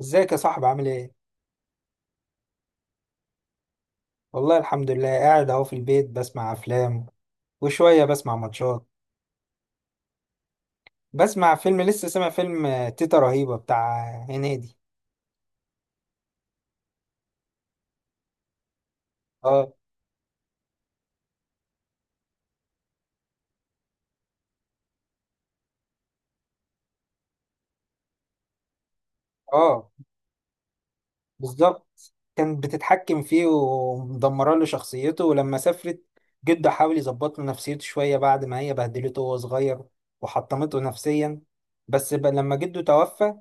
ازيك يا صاحبي، عامل ايه؟ والله الحمد لله، قاعد اهو في البيت بسمع افلام وشوية بسمع ماتشات. بسمع فيلم، لسه سامع فيلم تيتا رهيبة بتاع هنيدي. اه. اه، بالظبط. كانت بتتحكم فيه ومدمره له شخصيته، ولما سافرت جده حاول يظبط له نفسيته شويه بعد ما هي بهدلته وهو صغير وحطمته نفسيا. بس بقى لما جده توفى،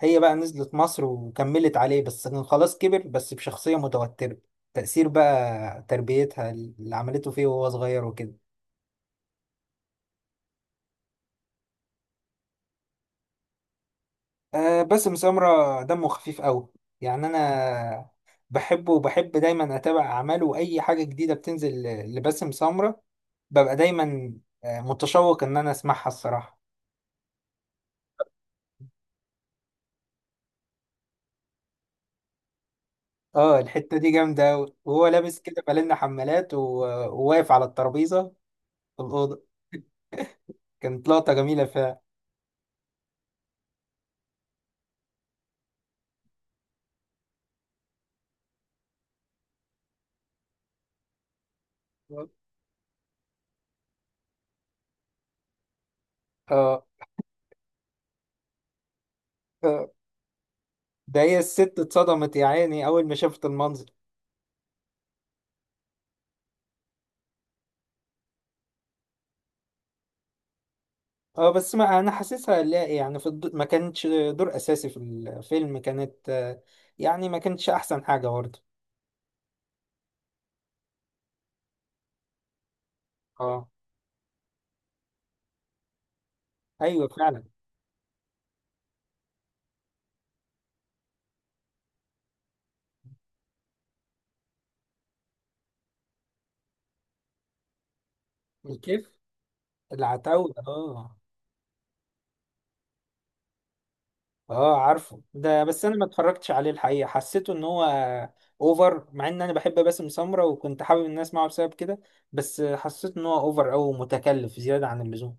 هي بقى نزلت مصر وكملت عليه، بس كان خلاص كبر بس بشخصيه متوتره. تأثير بقى تربيتها اللي عملته فيه وهو صغير وكده. أه، باسم سمرة دمه خفيف قوي. يعني انا بحبه وبحب دايما اتابع اعماله واي حاجه جديده بتنزل لباسم سمرة. ببقى دايما متشوق ان انا اسمعها الصراحه. اه، الحته دي جامده أوي. وهو لابس كده، بالنا، حمالات وواقف على الترابيزه في الاوضه. كانت لقطه جميله فعلا. اه. آه. ده هي الست اتصدمت يا عيني اول ما شافت المنظر. اه، بس ما انا حاسسها، لا يعني، ما كانتش دور اساسي في الفيلم، كانت يعني ما كانتش احسن حاجه برضه. اه. ايوه فعلا. الكيف. العتاوله، اه. اه، عارفه ده، بس انا ما اتفرجتش عليه الحقيقه، حسيته ان هو اوفر. مع ان انا بحب باسم سمرة وكنت حابب الناس معه بسبب كده، بس حسيت ان هو اوفر او متكلف زياده عن اللزوم.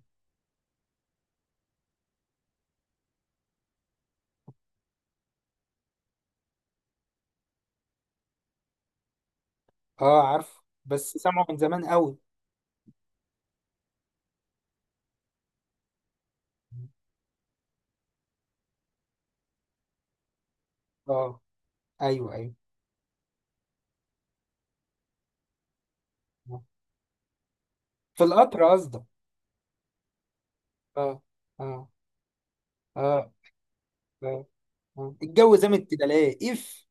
اه، عارفه بس سامعه من زمان قوي. اه. ايوه ايوه، في القطر قصدك. اه. اه. اه. اه. آه. الجو زمن كده ليه؟ اف.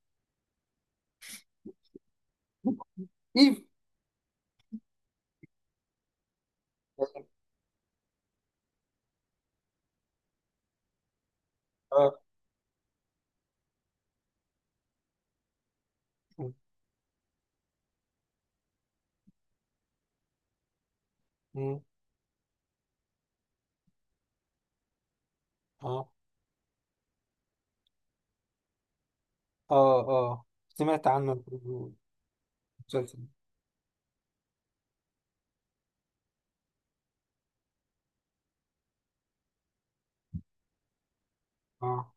اف. اه. اه. اه. اه، سمعت عنه. المسلسل. اه.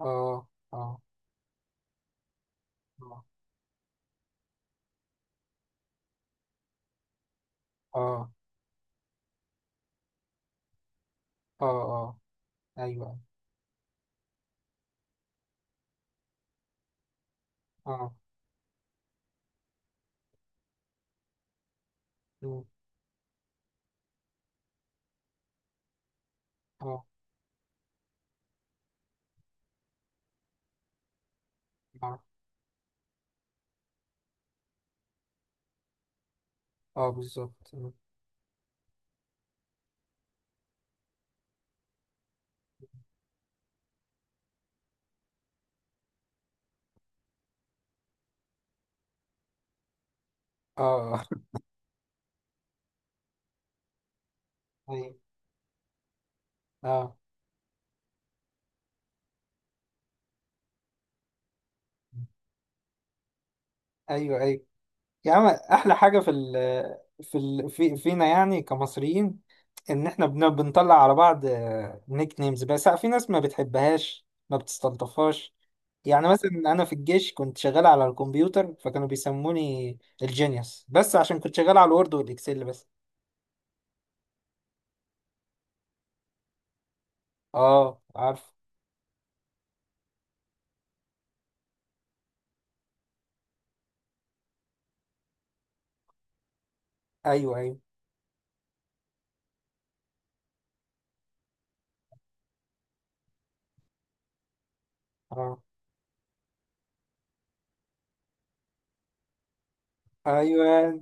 اه. اه. اه. اه. اه. ايوه. اه. مم. اه. اه. اه، بالظبط. مم. اه. آه. ايوه. اه. ايوه ايوه. يا عم، احلى حاجه في فينا يعني كمصريين، ان احنا بنطلع على بعض نيك نيمز، بس في ناس ما بتحبهاش ما بتستلطفهاش. يعني مثلا انا في الجيش كنت شغال على الكمبيوتر، فكانوا بيسموني الجينيوس، بس عشان كنت شغال على الوورد والاكسل بس. اه، عارف. ايوه ايوه. اه. ايوه.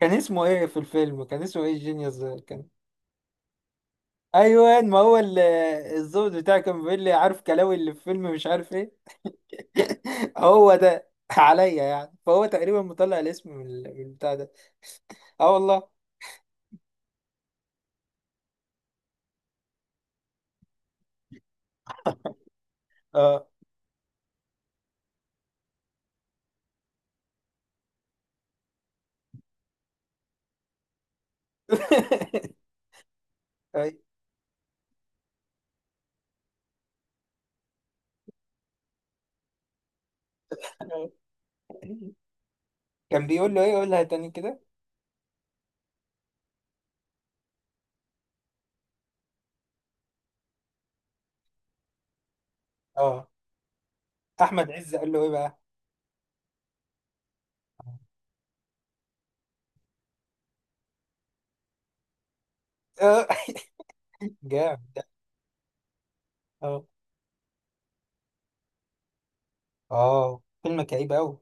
كان اسمه ايه في الفيلم، كان اسمه ايه الجينيوس ده كان؟ ايوه، ما هو الظابط بتاعي كان بيقول لي: عارف كلاوي اللي في فيلم مش عارف ايه. هو ده عليا يعني، فهو تقريبا مطلع الاسم من البتاع ده. اه، والله. اه. أي. كان بيقول له ايه؟ قولها تاني كده. اه، احمد عز قال له ايه بقى؟ اه. جامد ده. اه. اه. فيلم كئيب قوي.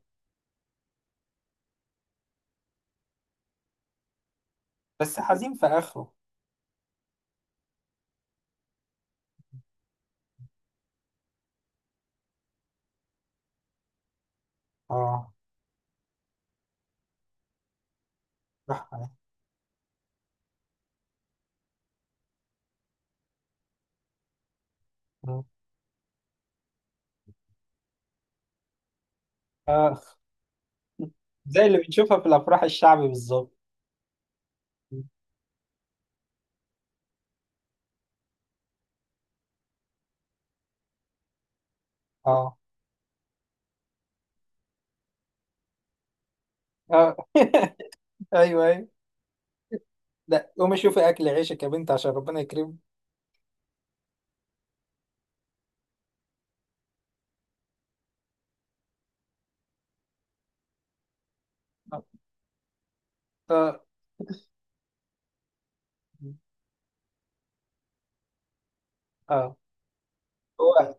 بس حزين في اخره. اه، راح عليه. اه، زي اللي بنشوفها في الافراح الشعبي بالظبط. اه. اه. ايوه ايوه. لا، قومي شوفي اكل عيشك يا بنت عشان ربنا يكرمك. اه. اه. اه. هو.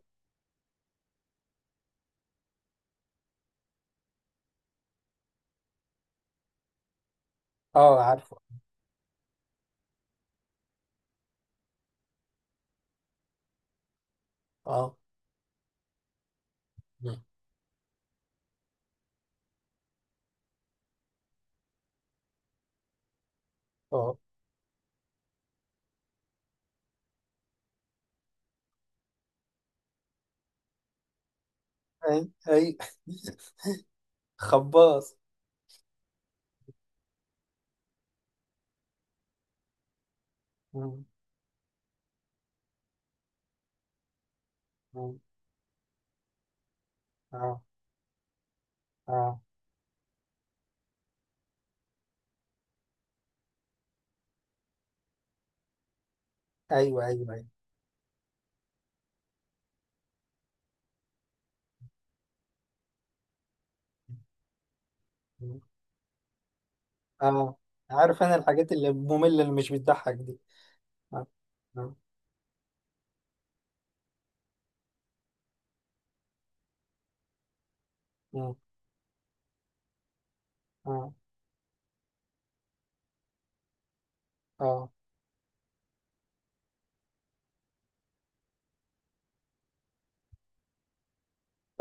اه، عارفه. اه. اه. اي. اي. خباص. مم. مم. اه. اه. ايوه ايوه ايوه. مم. اه، عارف، انا الحاجات اللي مملة اللي مش بتضحك دي. اه. اه. مم. اه. اه.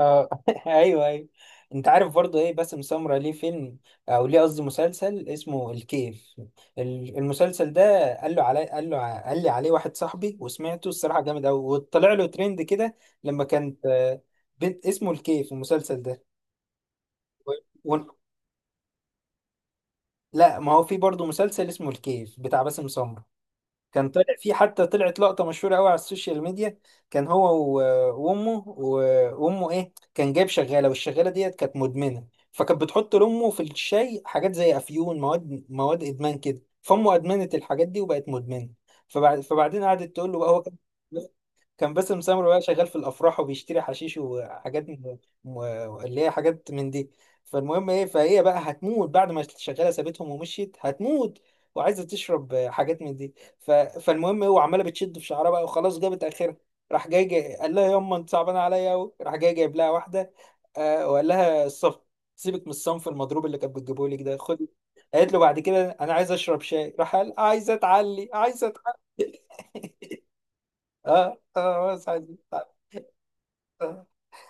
اه. ايوه ايوه. انت عارف برضه، ايه باسم سمرة ليه فيلم، او ليه قصدي، مسلسل اسمه الكيف؟ المسلسل ده، قال له علي، قال له قال لي عليه واحد صاحبي وسمعته الصراحه جامد قوي وطلع له ترند كده. لما كانت بنت اسمه الكيف المسلسل ده و... و... لا، ما هو في برضه مسلسل اسمه الكيف بتاع باسم سمرة. كان طلع في، حتى طلعت لقطة مشهورة قوي على السوشيال ميديا. كان هو و- وامه ايه، كان جايب شغالة والشغالة ديت كانت مدمنة، فكانت بتحط لامه في الشاي حاجات زي افيون، مواد مواد ادمان كده، فامه ادمنت الحاجات دي وبقت مدمنة. فبعدين قعدت تقول له بقى، هو كان باسم سمرة بقى شغال في الافراح وبيشتري حشيش وحاجات م- اللي هي حاجات من دي. فالمهم ايه، فهي بقى هتموت بعد ما الشغاله سابتهم ومشيت، هتموت وعايزه تشرب حاجات من دي. فالمهم هو عماله بتشد في شعرها بقى، وخلاص جابت اخرها. راح جاي قال لها: يما انت صعبانه عليا قوي. راح جاي جايب لها واحده. وقال لها: سيبك من الصنف المضروب اللي كانت بتجيبه لك ده، خد. قالت له بعد كده: انا عايز اشرب شاي. راح قال: عايزه اتعلي، عايزه اتعلي. اه. اه، بس عايز.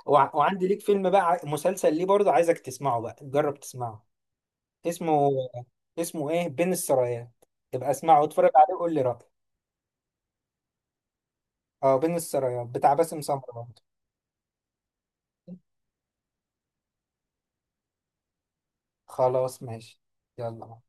وعندي ليك فيلم بقى، مسلسل ليه برضه عايزك تسمعه، بقى جرب تسمعه. اسمه اسمه ايه، بين السرايات. تبقى اسمعه واتفرج عليه وقول لي رأيك. اه، بين السرايات بتاع باسم سمرة برضه. خلاص ماشي. يلا.